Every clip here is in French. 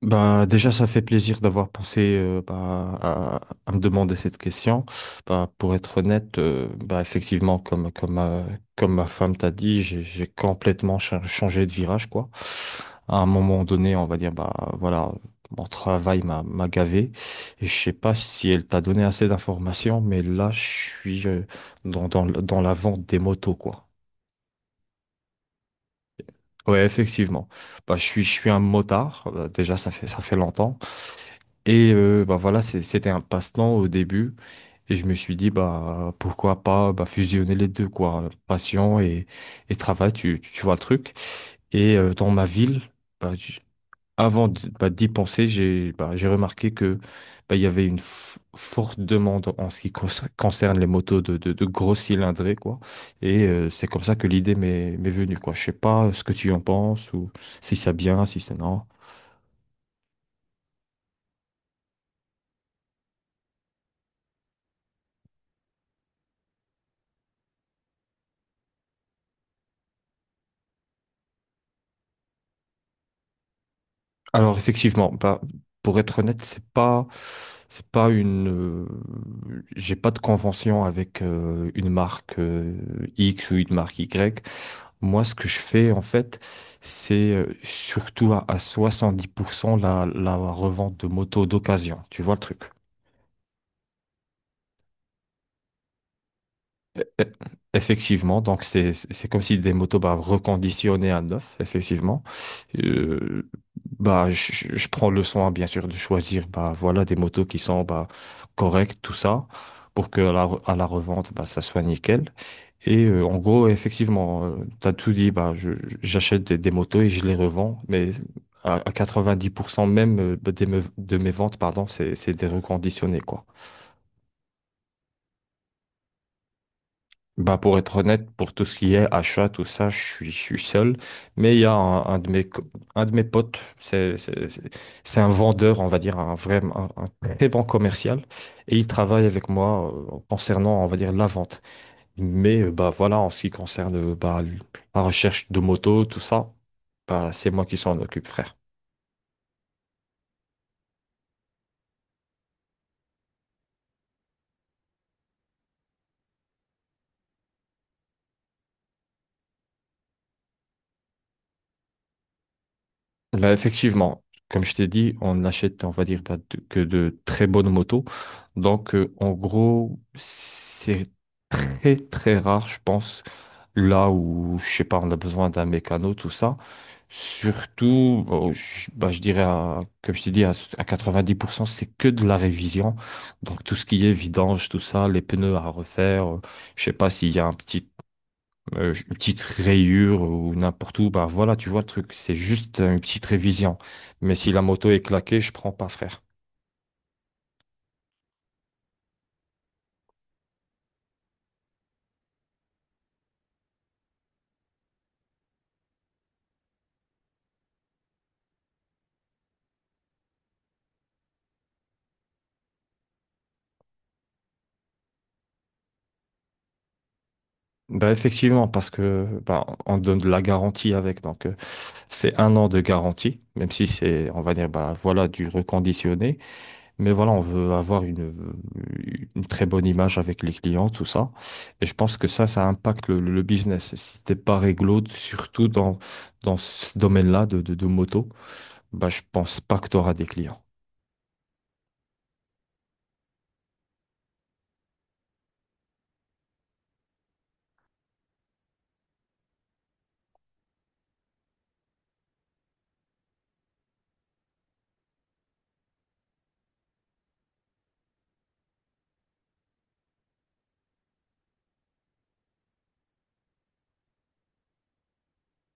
Bah, déjà, ça fait plaisir d'avoir pensé bah, à me demander cette question. Bah, pour être honnête, bah, effectivement, comme ma femme t'a dit, j'ai complètement changé de virage, quoi. À un moment donné, on va dire, bah, voilà, mon travail m'a gavé. Et je sais pas si elle t'a donné assez d'informations, mais là, je suis dans la vente des motos, quoi. Ouais, effectivement. Bah, je suis un motard. Déjà, ça fait longtemps. Et bah voilà, c'était un passe-temps au début. Et je me suis dit, bah, pourquoi pas bah, fusionner les deux, quoi. Passion et travail, tu vois le truc. Et dans ma ville, bah, j- bah, d'y penser, j'ai remarqué que bah, il y avait une forte demande en ce qui concerne les motos de gros cylindrés, quoi. Et c'est comme ça que l'idée m'est venue, quoi. Je sais pas ce que tu en penses, ou si c'est bien, si c'est non. Alors effectivement, bah, pour être honnête, c'est pas une, j'ai pas de convention avec une marque X ou une marque Y. Moi, ce que je fais en fait, c'est surtout à 70% la revente de motos d'occasion. Tu vois le truc? E- e- Effectivement, donc c'est comme si des motos bah, reconditionnées à neuf, effectivement. Euh, bah je prends le soin bien sûr de choisir bah voilà des motos qui sont bah correctes tout ça pour que à la, à la revente bah ça soit nickel. Et en gros effectivement, tu as tout dit bah j'achète des motos et je les revends, mais à 90% même bah, des de mes ventes pardon c'est des reconditionnés quoi. Bah pour être honnête, pour tout ce qui est achat, tout ça, je suis seul. Mais il y a un de mes, un de mes potes, c'est un vendeur, on va dire, un vrai, un très bon commercial. Et il travaille avec moi concernant, on va dire, la vente. Mais bah voilà, en ce qui concerne bah, la recherche de moto, tout ça, bah c'est moi qui s'en occupe, frère. Bah, effectivement, comme je t'ai dit, on n'achète, on va dire, pas de- que de très bonnes motos. Donc, en gros, c'est très, très rare, je pense, là où, je sais pas, on a besoin d'un mécano, tout ça. Surtout, bon, je, bah, je dirais, comme je t'ai dit, à 90%, c'est que de la révision. Donc, tout ce qui est vidange, tout ça, les pneus à refaire, je sais pas s'il y a un petit une petite rayure ou n'importe où, bah voilà, tu vois le truc, c'est juste une petite révision. Mais si la moto est claquée, je prends pas, frère. Bah effectivement, parce que bah, on donne de la garantie avec, donc c'est 1 an de garantie, même si c'est, on va dire, bah voilà, du reconditionné, mais voilà, on veut avoir une très bonne image avec les clients, tout ça. Et je pense que ça impacte le business. Si t'es pas réglo, surtout dans, dans ce domaine-là de moto, bah je pense pas que tu auras des clients.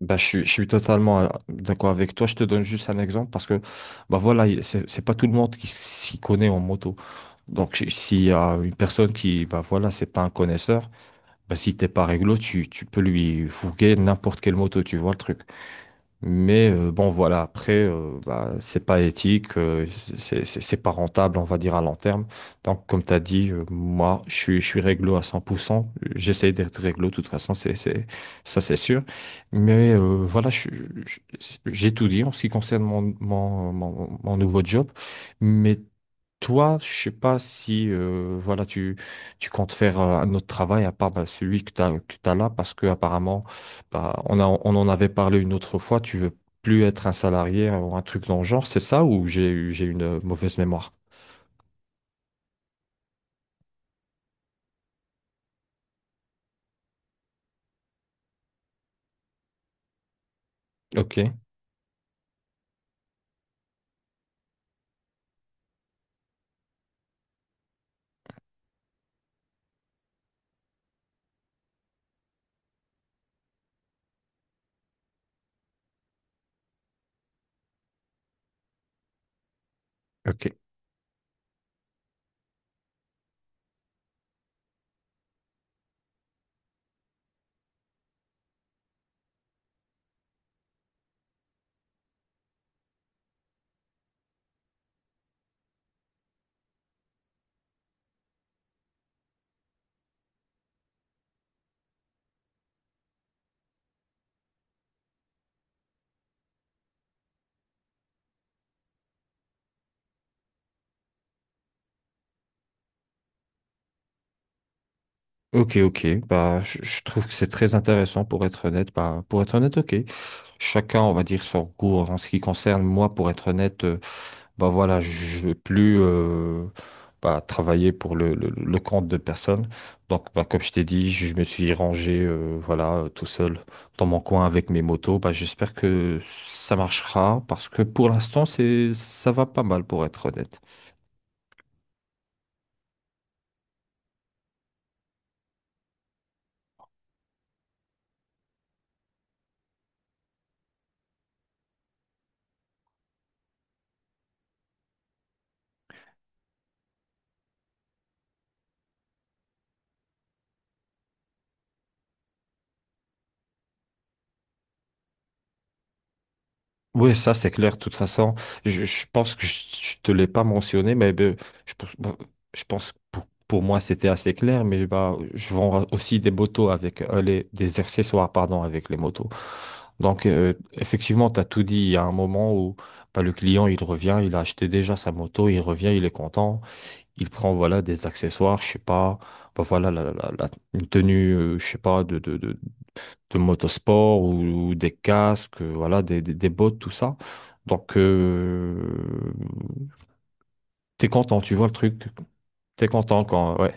Bah, je suis totalement d'accord avec toi. Je te donne juste un exemple parce que bah voilà, c'est pas tout le monde qui s'y connaît en moto. Donc s'il y a une personne qui bah voilà, c'est pas un connaisseur, bah si t'es pas réglo, tu peux lui fourguer n'importe quelle moto, tu vois le truc. Mais bon, voilà, après, bah, c'est pas éthique, c'est pas rentable, on va dire, à long terme. Donc, comme tu as dit, moi, je suis réglo à 100%. J'essaie d'être réglo, de toute façon, c'est, ça, c'est sûr. Mais voilà, j'ai tout dit en ce qui concerne mon nouveau job. Mais toi, je sais pas si voilà tu comptes faire un autre travail à part bah, celui que t'as là parce que apparemment bah, on en avait parlé une autre fois. Tu veux plus être un salarié ou un truc dans le genre, c'est ça ou j'ai une mauvaise mémoire? Ok, ok, ok, ok. Bah, je trouve que c'est très intéressant pour être honnête. Bah, pour être honnête, ok. Chacun, on va dire, son goût en ce qui concerne moi. Pour être honnête, bah voilà, je veux plus bah, travailler pour le, le compte de personne. Donc, bah, comme je t'ai dit, je me suis rangé voilà, tout seul dans mon coin avec mes motos. Bah, j'espère que ça marchera parce que pour l'instant, ça va pas mal pour être honnête. Oui, ça c'est clair. De toute façon, je pense que je, ne te l'ai pas mentionné, mais ben, je, pense ben, je pense que pour moi c'était assez clair. Mais bah, je vends aussi des motos avec des accessoires, pardon, avec les motos. Donc effectivement, tu as tout dit. Il y a un moment où bah, le client il revient, il a acheté déjà sa moto, il revient, il est content, il prend voilà des accessoires, je sais pas, bah, voilà une tenue, je sais pas de motosport ou des casques, voilà, des bottes, tout ça. Donc, t'es content, tu vois le truc. T'es content quand, ouais.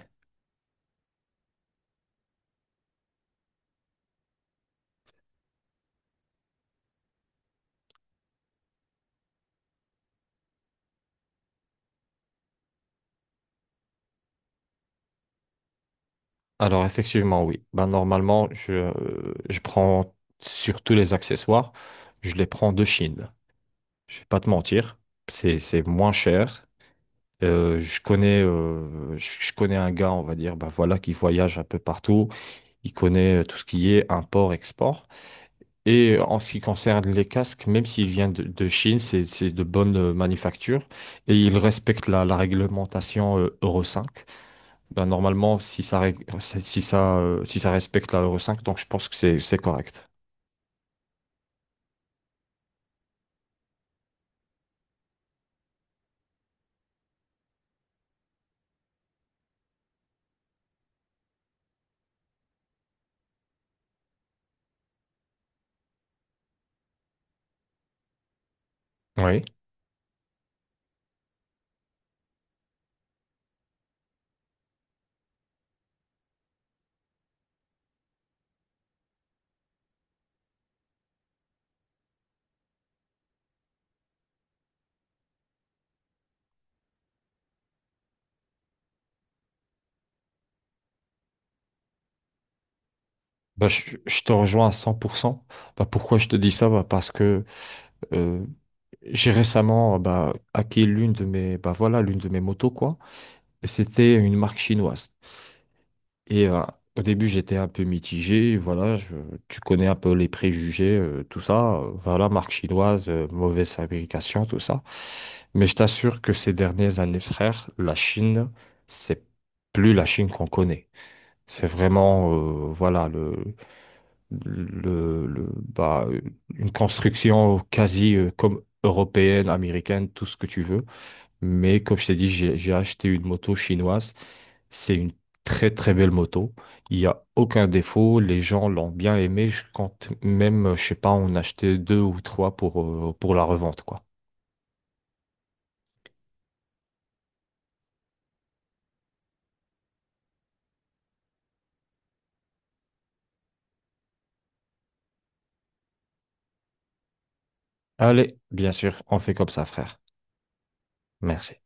Alors, effectivement, oui. Ben, normalement, je prends sur tous les accessoires, je les prends de Chine. Je vais pas te mentir, c'est moins cher. Je connais, je connais un gars, on va dire, ben voilà, qui voyage un peu partout. Il connaît tout ce qui est import-export. Et en ce qui concerne les casques, même s'ils viennent de Chine, c'est de bonne manufacture et ils respectent la, la réglementation Euro 5. Ben, normalement, si ça, si ça respecte la Euro 5, donc je pense que c'est correct. Oui. Bah, je te rejoins à 100%. Bah, pourquoi je te dis ça? Bah, parce que euh, j'ai récemment bah, acquis l'une de mes, bah, voilà, l'une de mes motos, quoi. Et c'était une marque chinoise. Et au début, j'étais un peu mitigé. Voilà, tu connais un peu les préjugés, tout ça. Voilà, marque chinoise, mauvaise fabrication, tout ça. Mais je t'assure que ces dernières années, frère, c'est plus la Chine qu'on connaît. C'est vraiment, voilà, le, le- bah, une construction quasi, comme européenne, américaine, tout ce que tu veux. Mais comme je t'ai dit, j'ai acheté une moto chinoise. C'est une très très belle moto. Il n'y a aucun défaut. Les gens l'ont bien aimée. Je compte même, je sais pas, en acheter deux ou trois pour la revente, quoi. Allez, bien sûr, on fait comme ça, frère. Merci.